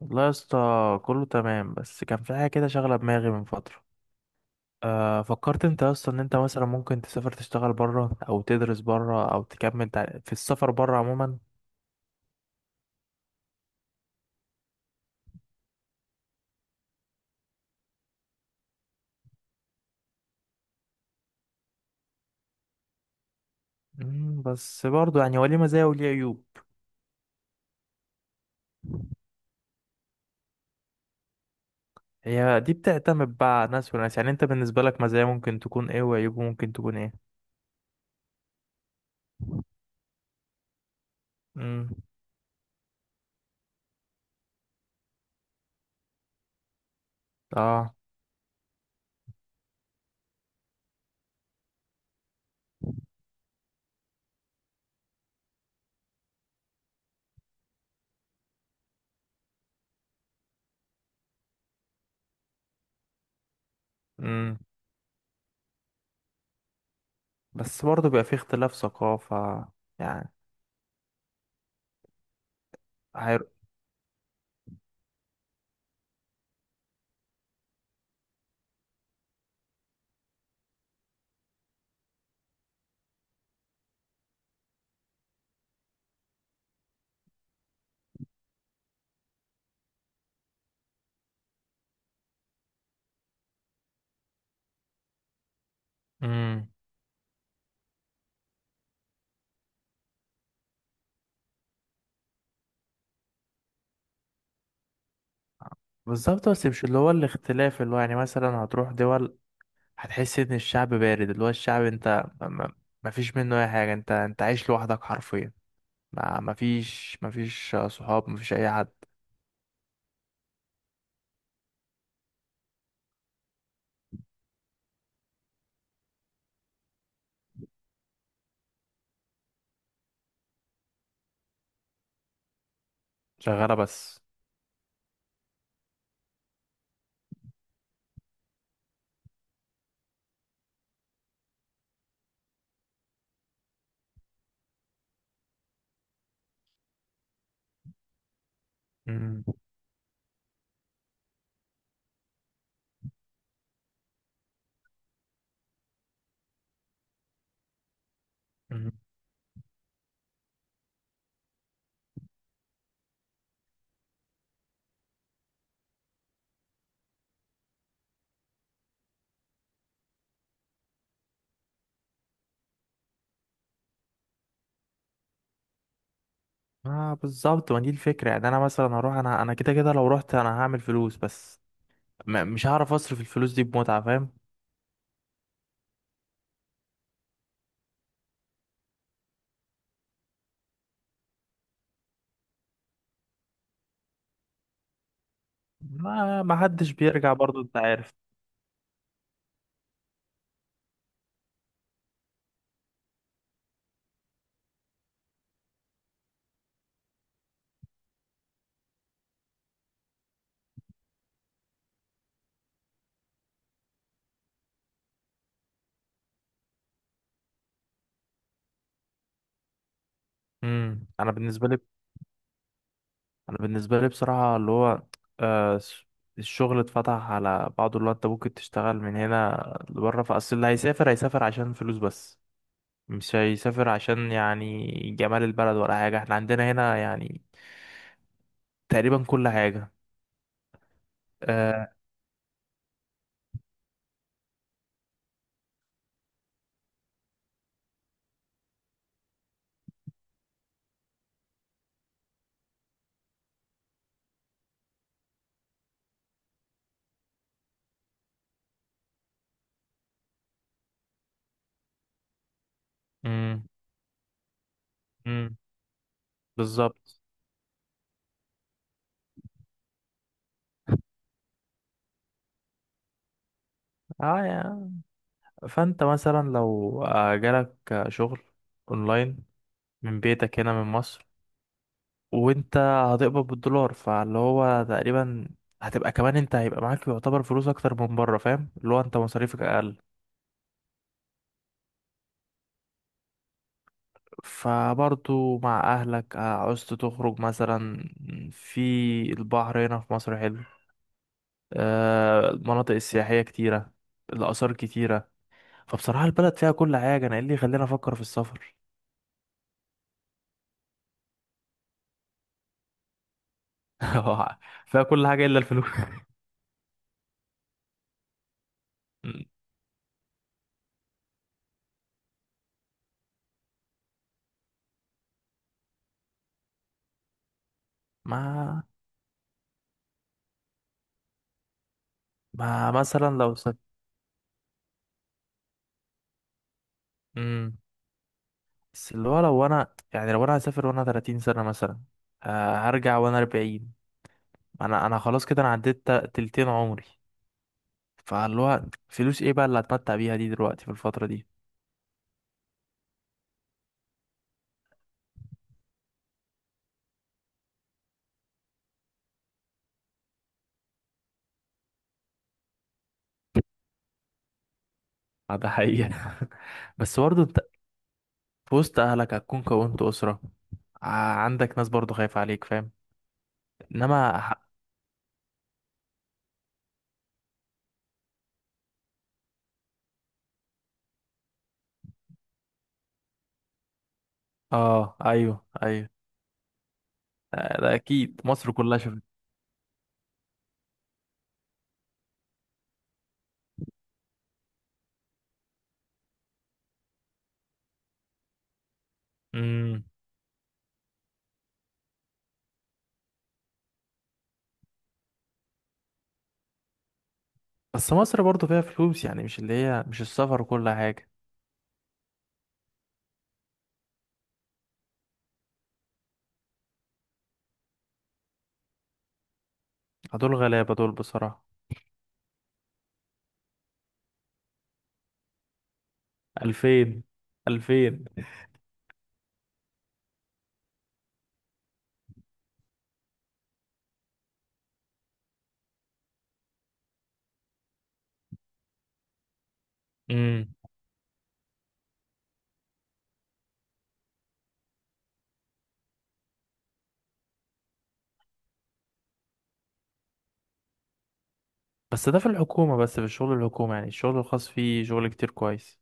والله يا اسطى، كله تمام. بس كان في حاجة كده شاغلة دماغي من فترة. أه فكرت انت اصلا ان انت مثلا ممكن تسافر، تشتغل بره او تدرس بره او تكمل في السفر بره عموما؟ بس برضه يعني هو ليه مزايا وليه عيوب. هي دي بتعتمد بقى على ناس وناس، يعني انت بالنسبة لك مزايا ممكن تكون ايه وعيوب ممكن تكون ايه؟ مم. اه. مم. بس برضه بيبقى في اختلاف ثقافة يعني. هير... مم. بالظبط، بس مش اللي هو الاختلاف، اللي هو يعني مثلا هتروح دول هتحس ان الشعب بارد، اللي هو الشعب انت ما، ما فيش منه اي حاجه، انت عايش لوحدك حرفيا. ما فيش، ما فيش صحاب، ما فيش اي حد، شغاله بس. امم. أمم. اه بالظبط، ما دي الفكره. يعني انا مثلا هروح، انا كده كده لو رحت انا هعمل فلوس بس، ما مش هعرف اصرف الفلوس دي بمتعه، فاهم؟ ما حدش بيرجع برضو، انت عارف. انا بالنسبه لي، انا بالنسبه لي بصراحه اللي هو آه س- الشغل اتفتح على بعضه. اللي هو انت ممكن تشتغل من هنا لبره، فاصل اللي هيسافر هيسافر عشان فلوس بس، مش هيسافر عشان يعني جمال البلد ولا حاجه. احنا عندنا هنا يعني تقريبا كل حاجه. آه. امم. امم. بالظبط. اه يا، فانت مثلا لو جالك شغل اونلاين من بيتك هنا من مصر، وانت هتقبض بالدولار، فاللي هو تقريبا هتبقى كمان، انت هيبقى معاك يعتبر فلوس اكتر من بره، فاهم؟ اللي هو انت مصاريفك اقل. فبرضو مع اهلك عاوزت تخرج مثلا، في البحر هنا في مصر حلو، المناطق السياحية كتيرة، الآثار كتيرة. فبصراحة البلد فيها كل حاجة، أنا إيه اللي يخليني أفكر في السفر؟ فيها كل حاجة إلا الفلوس. ما ما مثلا لو سافرت، بس اللي هو لو انا، يعني لو انا هسافر وانا 30 سنة مثلا، هرجع وانا 40. انا خلاص كده، انا عديت تلتين عمري. فاللي هو فلوس ايه بقى اللي هتمتع بيها دي دلوقتي في الفترة دي؟ ده حقيقة. بس برضه انت في وسط اهلك، هتكون كونت اسرة، ع- عندك ناس برضه خايفة عليك، فاهم؟ انما ح- اه، ايوه ايوه. ده اكيد مصر كلها شفت. امم. بس مصر برضه فيها فلوس يعني، مش اللي هي مش السفر وكل حاجة. دول غلابة دول بصراحة. 2000. 2000. امم. بس ده في الحكومة، بس في الشغل الحكومي، يعني الشغل الخاص فيه شغل كتير كويس.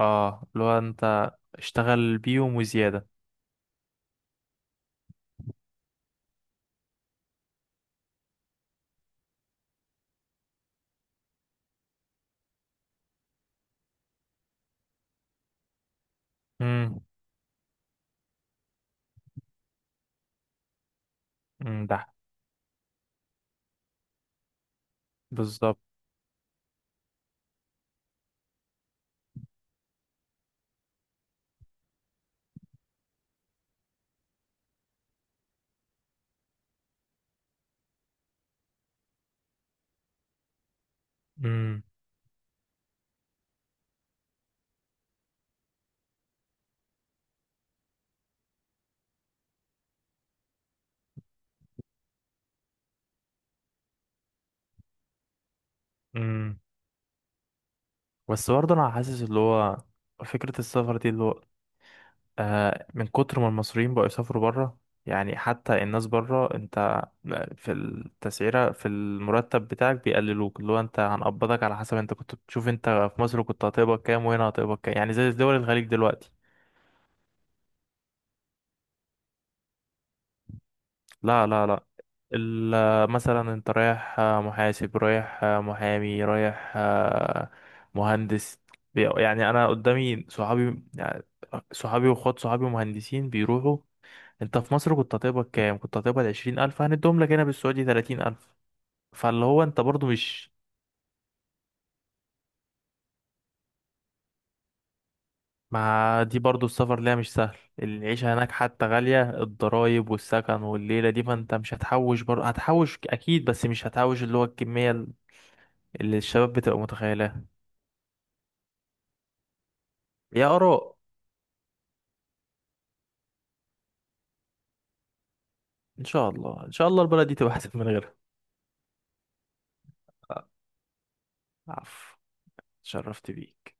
اه اللي هو انت اشتغل بيهم وزيادة. امم. امم. ده بالظبط. امم. امم. بس برضه انا حاسس اللي هو فكرة السفر دي اللي هو من كتر ما المصريين بقوا يسافروا بره، يعني حتى الناس بره، انت في التسعيرة، في المرتب بتاعك بيقللوك، اللي هو انت هنقبضك على حسب انت كنت بتشوف، انت في مصر كنت هتقبض كام وهنا هتقبض كام، يعني زي دول الخليج دلوقتي. لا لا لا، مثلا انت رايح، محاسب رايح، محامي رايح، مهندس. يعني انا قدامي صحابي يعني، صحابي واخوات صحابي مهندسين بيروحوا. انت في مصر كنت هتقبض كام؟ كنت هتقبض 20 الف، هنديهم لك هنا بالسعودي 30 الف. فاللي هو انت برضو مش، ما دي برضو السفر ليها مش سهل. العيشة هناك حتى غالية، الضرايب والسكن والليلة دي، فانت مش هتحوش برضو، هتحوش اكيد، بس مش هتحوش اللي هو الكمية اللي الشباب بتبقى متخيلها. يا آراء، ان شاء الله، ان شاء الله البلد دي تبقى احسن من غيرها. عفو، شرفت بيك.